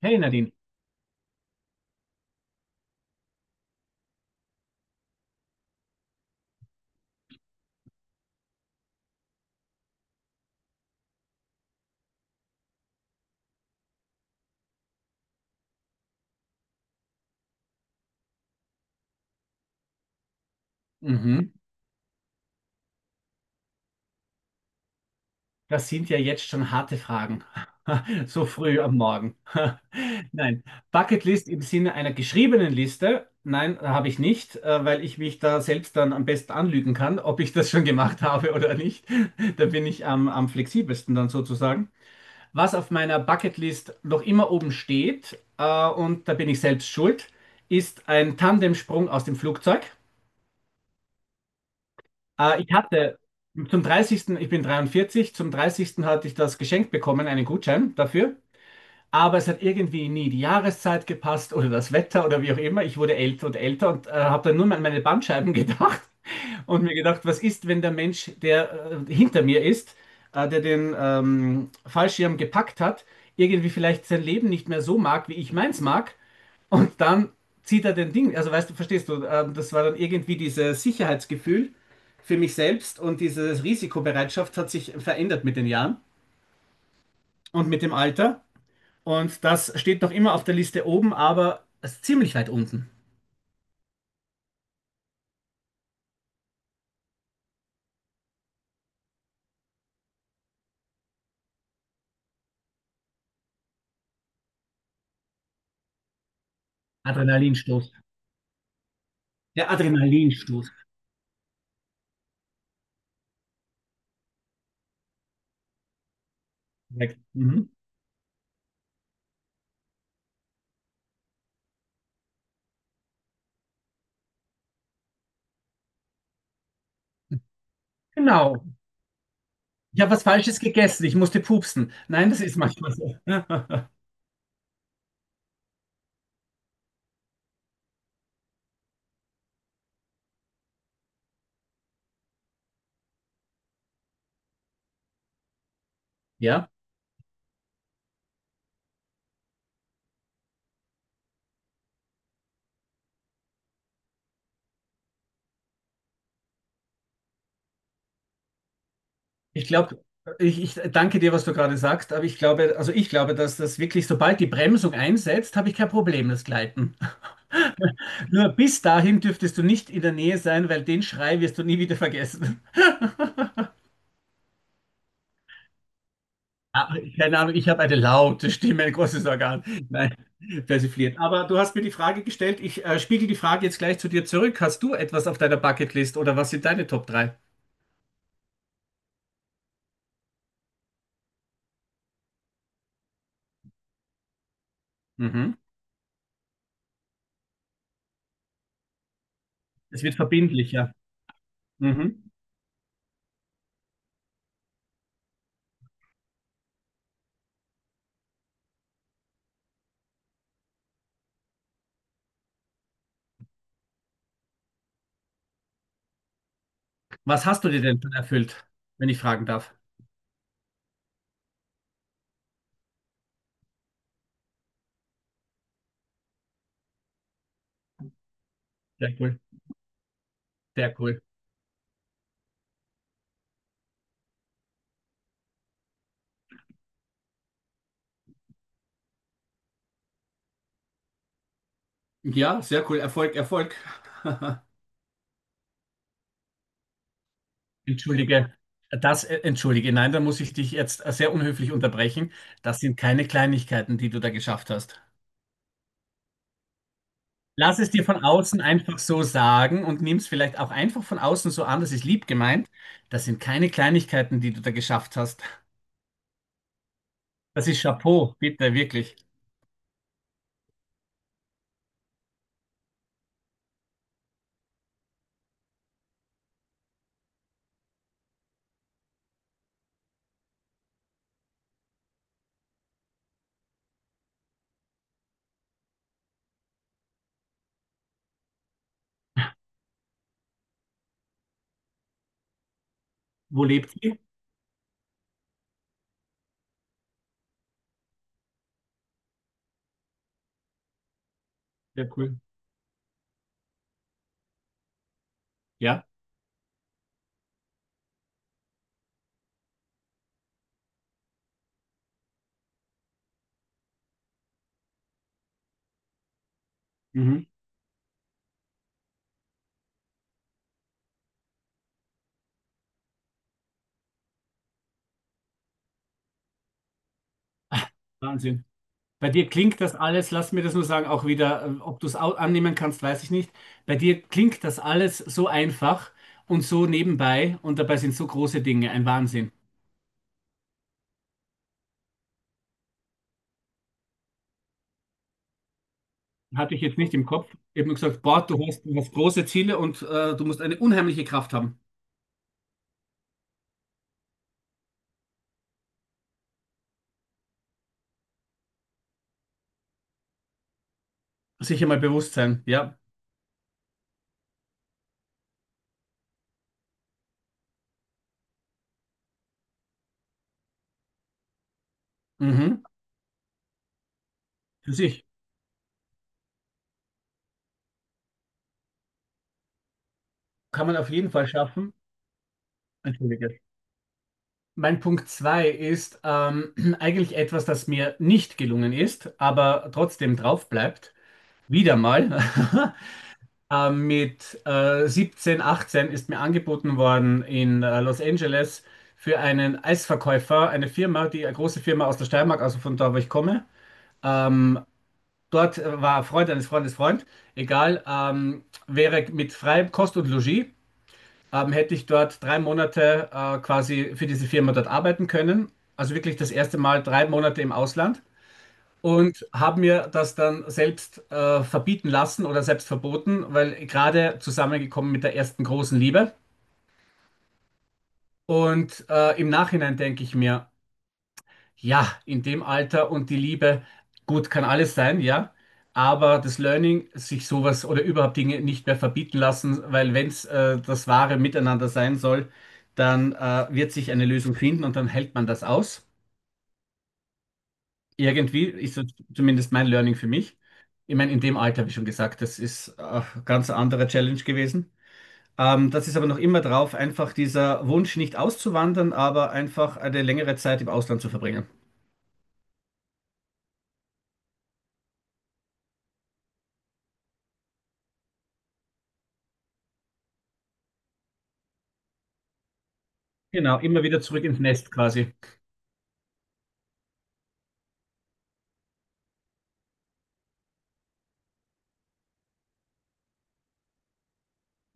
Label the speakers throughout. Speaker 1: Hey Nadine. Mhm. Das sind ja jetzt schon harte Fragen. So früh am Morgen. Nein, Bucketlist im Sinne einer geschriebenen Liste? Nein, habe ich nicht, weil ich mich da selbst dann am besten anlügen kann, ob ich das schon gemacht habe oder nicht. Da bin ich am flexibelsten dann sozusagen. Was auf meiner Bucketlist noch immer oben steht, und da bin ich selbst schuld, ist ein Tandemsprung aus dem Flugzeug. Ich hatte zum dreißigsten, ich bin 43, zum dreißigsten hatte ich das geschenkt bekommen, einen Gutschein dafür. Aber es hat irgendwie nie die Jahreszeit gepasst oder das Wetter oder wie auch immer. Ich wurde älter und älter und habe dann nur an meine Bandscheiben gedacht und mir gedacht, was ist, wenn der Mensch, der hinter mir ist, der den Fallschirm gepackt hat, irgendwie vielleicht sein Leben nicht mehr so mag, wie ich meins mag und dann zieht er den Ding, also weißt du, verstehst du, das war dann irgendwie dieses Sicherheitsgefühl für mich selbst, und diese Risikobereitschaft hat sich verändert mit den Jahren und mit dem Alter. Und das steht noch immer auf der Liste oben, aber es ist ziemlich weit unten. Adrenalinstoß. Der Adrenalinstoß. Korrekt. Mhm. Genau. Ich habe was Falsches gegessen, ich musste pupsen. Nein, das ist manchmal so. Ja. Ich glaube, ich danke dir, was du gerade sagst, aber ich glaube, also ich glaube, dass das wirklich, sobald die Bremsung einsetzt, habe ich kein Problem, das Gleiten. Nur bis dahin dürftest du nicht in der Nähe sein, weil den Schrei wirst du nie wieder vergessen. Ah, keine Ahnung, ich habe eine laute Stimme, ein großes Organ. Nein, persifliert. Aber du hast mir die Frage gestellt, ich spiegel die Frage jetzt gleich zu dir zurück. Hast du etwas auf deiner Bucketlist oder was sind deine Top 3? Mhm. Es wird verbindlicher. Mhm. Was hast du dir denn schon erfüllt, wenn ich fragen darf? Sehr cool, sehr cool. Ja, sehr cool. Erfolg, Erfolg. Entschuldige, entschuldige, nein, da muss ich dich jetzt sehr unhöflich unterbrechen. Das sind keine Kleinigkeiten, die du da geschafft hast. Lass es dir von außen einfach so sagen und nimm es vielleicht auch einfach von außen so an, das ist lieb gemeint. Das sind keine Kleinigkeiten, die du da geschafft hast. Das ist Chapeau, bitte, wirklich. Wo lebt ihr? Sehr cool. Ja, mhm. Wahnsinn. Bei dir klingt das alles, lass mir das nur sagen, auch wieder, ob du es annehmen kannst, weiß ich nicht. Bei dir klingt das alles so einfach und so nebenbei, und dabei sind so große Dinge, ein Wahnsinn. Hatte ich jetzt nicht im Kopf. Ich habe nur gesagt, boah, du hast große Ziele und du musst eine unheimliche Kraft haben. Sicher mal bewusst sein, ja. Mhm. Für sich. Kann man auf jeden Fall schaffen. Entschuldige. Mein Punkt zwei ist eigentlich etwas, das mir nicht gelungen ist, aber trotzdem drauf bleibt. Wieder mal. Mit 17, 18 ist mir angeboten worden in Los Angeles für einen Eisverkäufer, eine Firma, die eine große Firma aus der Steiermark, also von da, wo ich komme. Ähm, dort war ein Freund eines Freundes Freund, egal, wäre mit freiem Kost und Logis, hätte ich dort 3 Monate quasi für diese Firma dort arbeiten können. Also wirklich das erste Mal 3 Monate im Ausland, und habe mir das dann selbst verbieten lassen oder selbst verboten, weil gerade zusammengekommen mit der ersten großen Liebe. Und im Nachhinein denke ich mir, ja, in dem Alter und die Liebe, gut, kann alles sein, ja. Aber das Learning, sich sowas oder überhaupt Dinge nicht mehr verbieten lassen, weil wenn es das wahre Miteinander sein soll, dann wird sich eine Lösung finden und dann hält man das aus. Irgendwie ist das zumindest mein Learning für mich. Ich meine, in dem Alter, wie schon gesagt, das ist ganz eine andere Challenge gewesen. Das ist aber noch immer drauf, einfach dieser Wunsch nicht auszuwandern, aber einfach eine längere Zeit im Ausland zu verbringen. Genau, immer wieder zurück ins Nest quasi.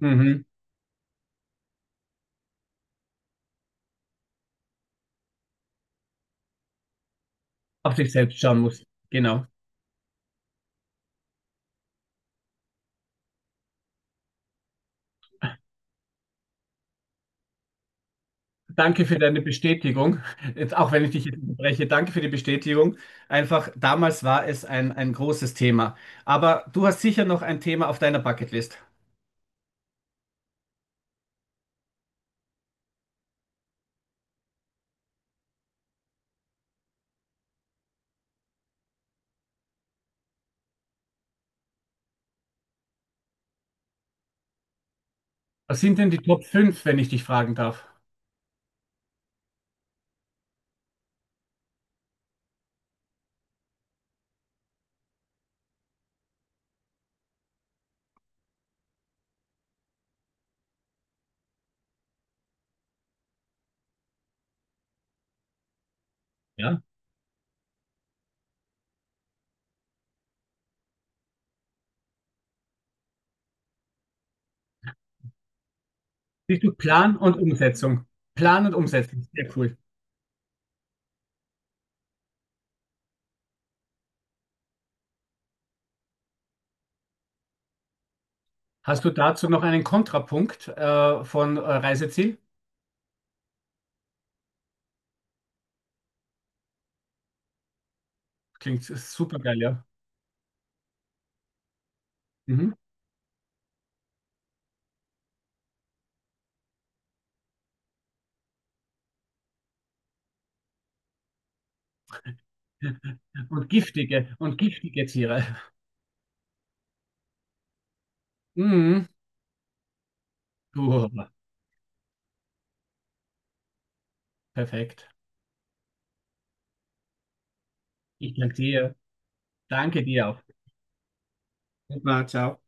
Speaker 1: Mhm. Auf sich selbst schauen muss. Genau. Danke für deine Bestätigung. Jetzt, auch wenn ich dich jetzt unterbreche, danke für die Bestätigung. Einfach, damals war es ein großes Thema. Aber du hast sicher noch ein Thema auf deiner Bucketlist. Was sind denn die Top 5, wenn ich dich fragen darf? Ja. Siehst du, Plan und Umsetzung? Plan und Umsetzung, sehr cool. Hast du dazu noch einen Kontrapunkt von Reiseziel? Klingt super geil, ja. Mhm. Und giftige Tiere. Mhm. Puh, perfekt. Ich danke dir. Danke dir auch. Super, ciao.